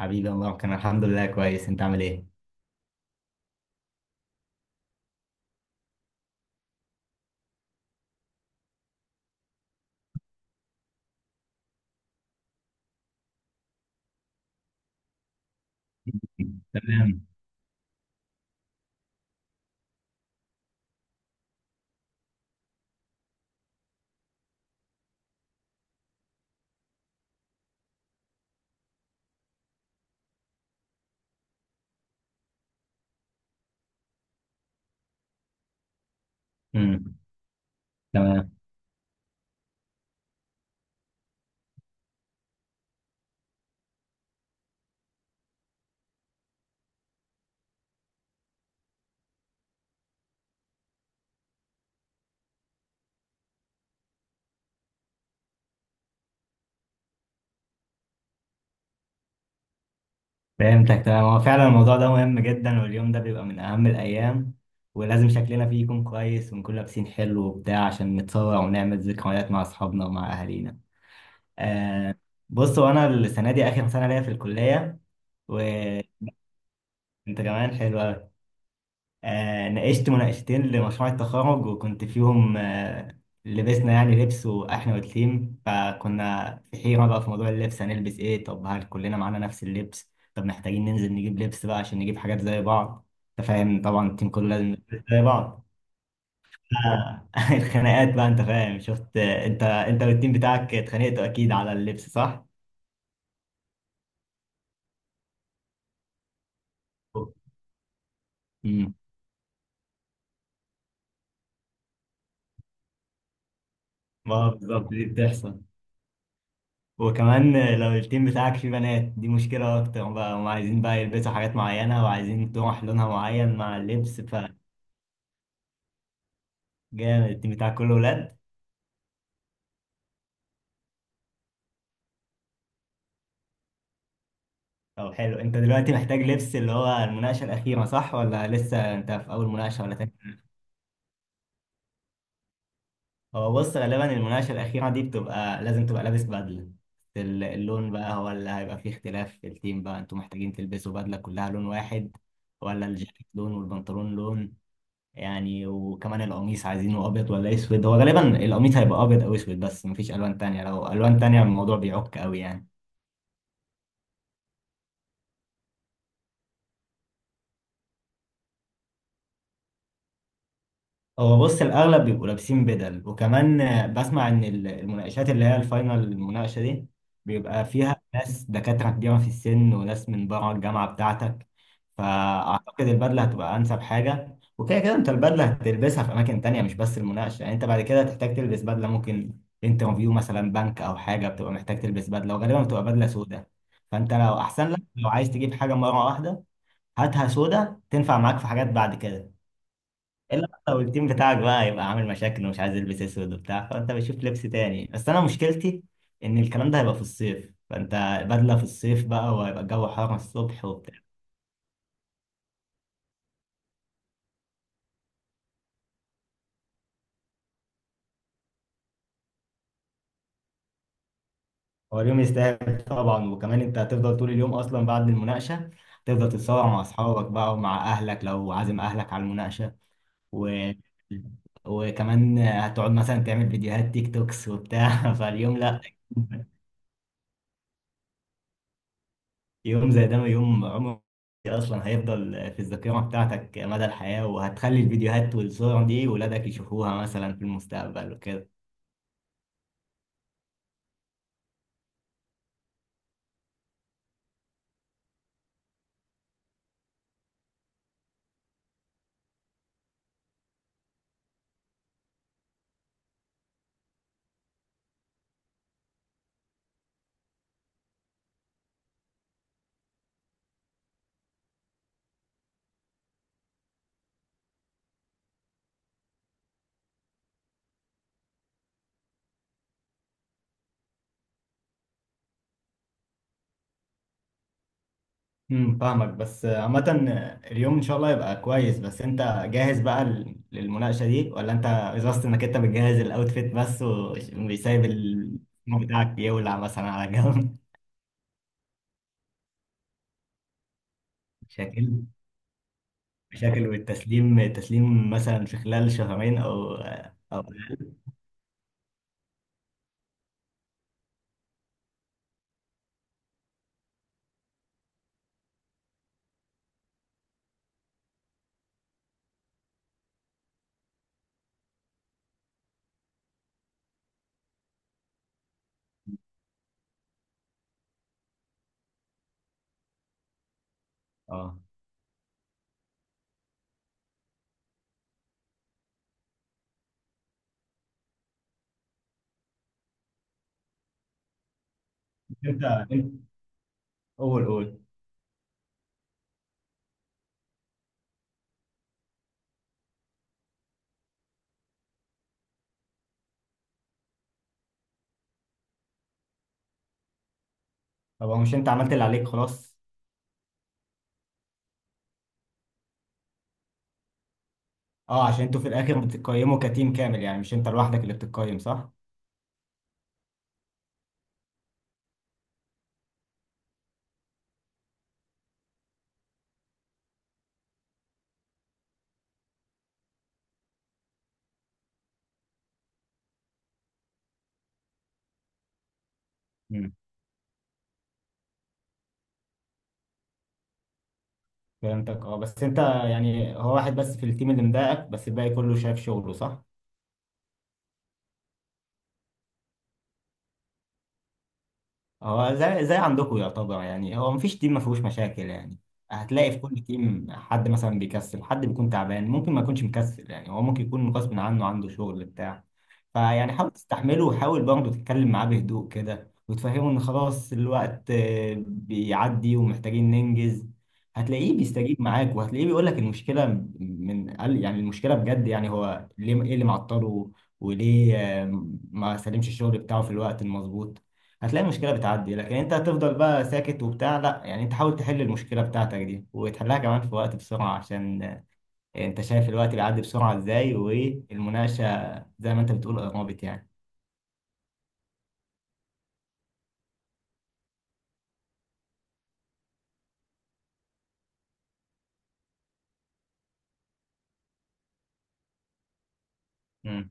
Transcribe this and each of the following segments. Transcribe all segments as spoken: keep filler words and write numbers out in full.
حبيبي، الله كان الحمد لله كويس. انت عامل ايه؟ تمام. امم. تمام. فهمتك. تمام، هو فعلا الموضوع ده مهم جدا، واليوم ده بيبقى من اهم الايام، ولازم شكلنا فيه يكون كويس ونكون لابسين حلو وبتاع، عشان نتصور ونعمل ذكريات مع اصحابنا ومع اهالينا. آه بصوا، انا السنه دي اخر سنه ليا في الكليه. وانت؟ كمان حلو قوي. آه، ناقشت مناقشتين لمشروع التخرج وكنت فيهم. آه، لبسنا يعني لبس، واحنا والتيم فكنا في حيرة بقى في موضوع اللبس. هنلبس ايه؟ طب هل كلنا معانا نفس اللبس؟ طب محتاجين ننزل نجيب لبس بقى عشان نجيب حاجات زي بعض. انت فاهم طبعا، التيم كله لازم يلبس زي بعض. آه، الخناقات بقى، انت فاهم، شفت، آه، انت انت والتيم بتاعك اتخانقتوا اكيد على اللبس، صح؟ امم. بالظبط، دي بتحصل. وكمان لو التيم بتاعك فيه بنات دي مشكلة أكتر بقى، هم عايزين بقى يلبسوا حاجات معينة وعايزين تروح لونها معين مع اللبس، فجامد. التيم بتاعك كله ولاد؟ طب حلو. أنت دلوقتي محتاج لبس، اللي هو المناقشة الأخيرة صح، ولا لسه أنت في أول مناقشة ولا تاني؟ هو بص، غالبا المناقشة الأخيرة دي بتبقى لازم تبقى لابس بدلة. ال- اللون بقى هو اللي هيبقى فيه اختلاف في التيم. بقى أنتوا محتاجين تلبسوا بدلة كلها لون واحد، ولا الجاكيت لون والبنطلون لون؟ يعني وكمان القميص عايزينه ابيض ولا اسود؟ هو غالبا القميص هيبقى ابيض او اسود، بس مفيش الوان تانية. لو الوان تانية الموضوع بيعك قوي يعني. هو بص، الأغلب بيبقوا لابسين بدل. وكمان آه، بسمع إن ال- المناقشات اللي هي الفاينل، المناقشة دي بيبقى فيها ناس دكاترة كبيرة في السن، وناس من بره الجامعة بتاعتك. فأعتقد البدلة هتبقى أنسب حاجة. وكده كده أنت البدلة هتلبسها في أماكن تانية، مش بس المناقشة. يعني أنت بعد كده هتحتاج تلبس بدلة. ممكن انترفيو مثلا بنك أو حاجة، بتبقى محتاج تلبس بدلة، وغالبا بتبقى بدلة سودة. فأنت لو أحسن لك، لو عايز تجيب حاجة مرة واحدة، هاتها سودة، تنفع معاك في حاجات بعد كده. الا لو التيم بتاعك بقى يبقى عامل مشاكل ومش عايز يلبس اسود وبتاع، فانت بتشوف لبس تاني. بس انا مشكلتي ان الكلام ده هيبقى في الصيف. فانت بدله في الصيف بقى، وهيبقى الجو حر الصبح وبتاع. هو اليوم يستاهل طبعا. وكمان انت هتفضل طول اليوم اصلا بعد المناقشه، تفضل تتصور مع اصحابك بقى ومع اهلك لو عازم اهلك على المناقشه. و... وكمان هتقعد مثلا تعمل فيديوهات تيك توكس وبتاع. فاليوم لا. يوم زي ده يوم عمري، اصلا هيفضل في الذاكره بتاعتك مدى الحياه، وهتخلي الفيديوهات والصور دي ولادك يشوفوها مثلا في المستقبل وكده. امم. فاهمك بس عامه. اليوم ان شاء الله يبقى كويس. بس انت جاهز بقى لل- للمناقشه دي، ولا انت قصدت انك انت بتجهز الاوتفيت بس وسايب الفيلم بتاعك يولع مثلا على جنب؟ مشاكل. مشاكل، والتسليم التسليم مثلا في خلال شهرين او او أقل. اه. انت انت، قول قول. طب هو مش انت عملت اللي عليك خلاص؟ اه، عشان انتوا في الاخر بتقيموا كتيم كامل، يعني مش انت لوحدك اللي بتقيم، صح؟ مم. فهمتك. اه بس انت يعني، هو واحد بس في التيم اللي مضايقك؟ بس الباقي كله شايف شغله، صح؟ هو زي زي عندكم يعتبر، يعني هو مفيش تيم ما فيهوش مشاكل يعني. هتلاقي في كل تيم حد مثلا بيكسل، حد بيكون تعبان، ممكن ما يكونش مكسل، يعني هو ممكن يكون غصب عنه عنده شغل بتاع. فيعني حاول تستحمله، وحاول برضه تتكلم معاه بهدوء كده وتفهمه ان خلاص الوقت آه، بيعدي، ومحتاجين ننجز. هتلاقيه بيستجيب معاك، وهتلاقيه بيقول لك المشكلة من قال، يعني المشكلة بجد، يعني هو ليه، ايه اللي معطله، وليه آه، ما سلمش الشغل بتاعه في الوقت المظبوط. هتلاقي المشكلة بتعدي. لكن انت هتفضل بقى ساكت وبتاع؟ لا، يعني انت حاول تحل المشكلة بتاعتك دي وتحلها كمان في وقت، بسرعة، عشان انت شايف الوقت بيعدي بسرعة ازاي، والمناقشة زي ما انت بتقول قربت يعني. مم.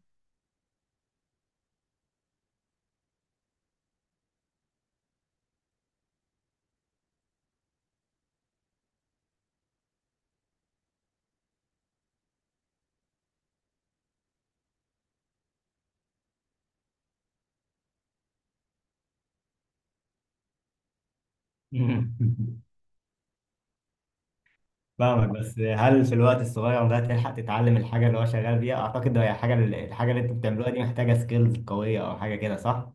فاهمك، بس هل في الوقت الصغير ده تلحق تتعلم الحاجة اللي هو شغال بيها؟ أعتقد هي حاجة الحاجة اللي انتوا بتعملوها دي محتاجة سكيلز قوية، أو حاجة كده صح؟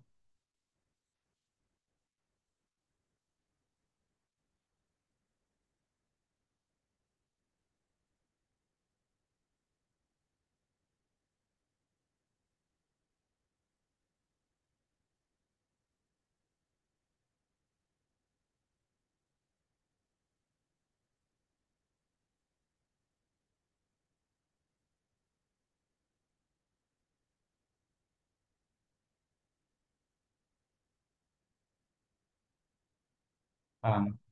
فاهمك.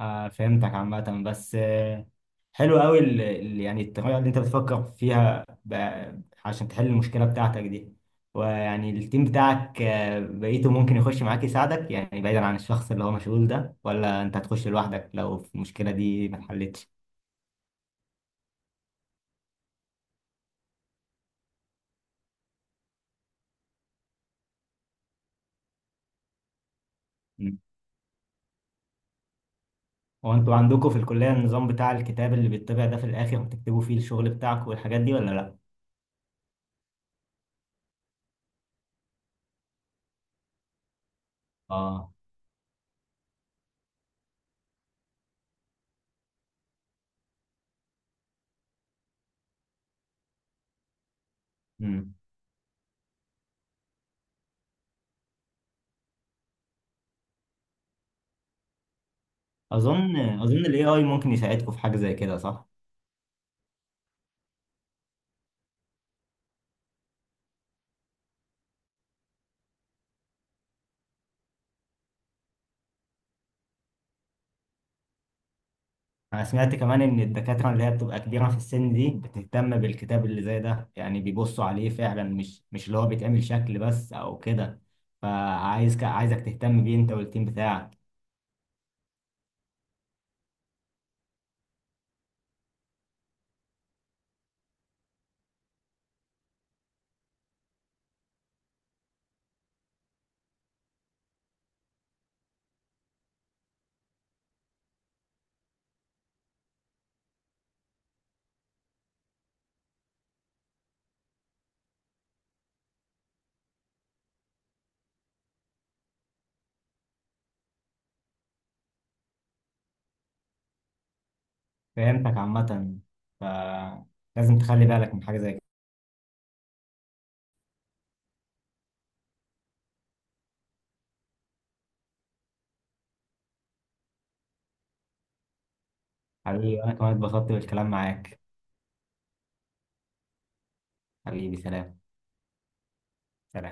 آه فهمتك عامة، بس آه حلو قوي. ال- ال- يعني الطريقة اللي انت بتفكر فيها ب- عشان تحل المشكلة بتاعتك دي، ويعني التيم بتاعك آه بقيته ممكن يخش معاك يساعدك، يعني بعيدا عن الشخص اللي هو مشغول ده، ولا انت هتخش لوحدك لو في المشكلة دي ما اتحلتش؟ مم. هو انتوا عندكم في الكلية النظام بتاع الكتاب اللي بيتبع ده في الآخر، بتكتبوا فيه الشغل بتاعك والحاجات دي ولا لا؟ اه. مم. أظن أظن ال اي آي ممكن يساعدكم في حاجة زي كده، صح؟ أنا سمعت كمان إن الدكاترة اللي هي بتبقى كبيرة في السن دي بتهتم بالكتاب اللي زي ده، يعني بيبصوا عليه فعلا، مش مش اللي هو بيتعمل شكل بس أو كده. فعايز عايزك تهتم بيه أنت والتيم بتاعك. فهمتك عامة، فلازم تخلي بالك من حاجة زي كده. حبيبي، أنا كمان اتبسطت بالكلام معاك. حبيبي، سلام. سلام.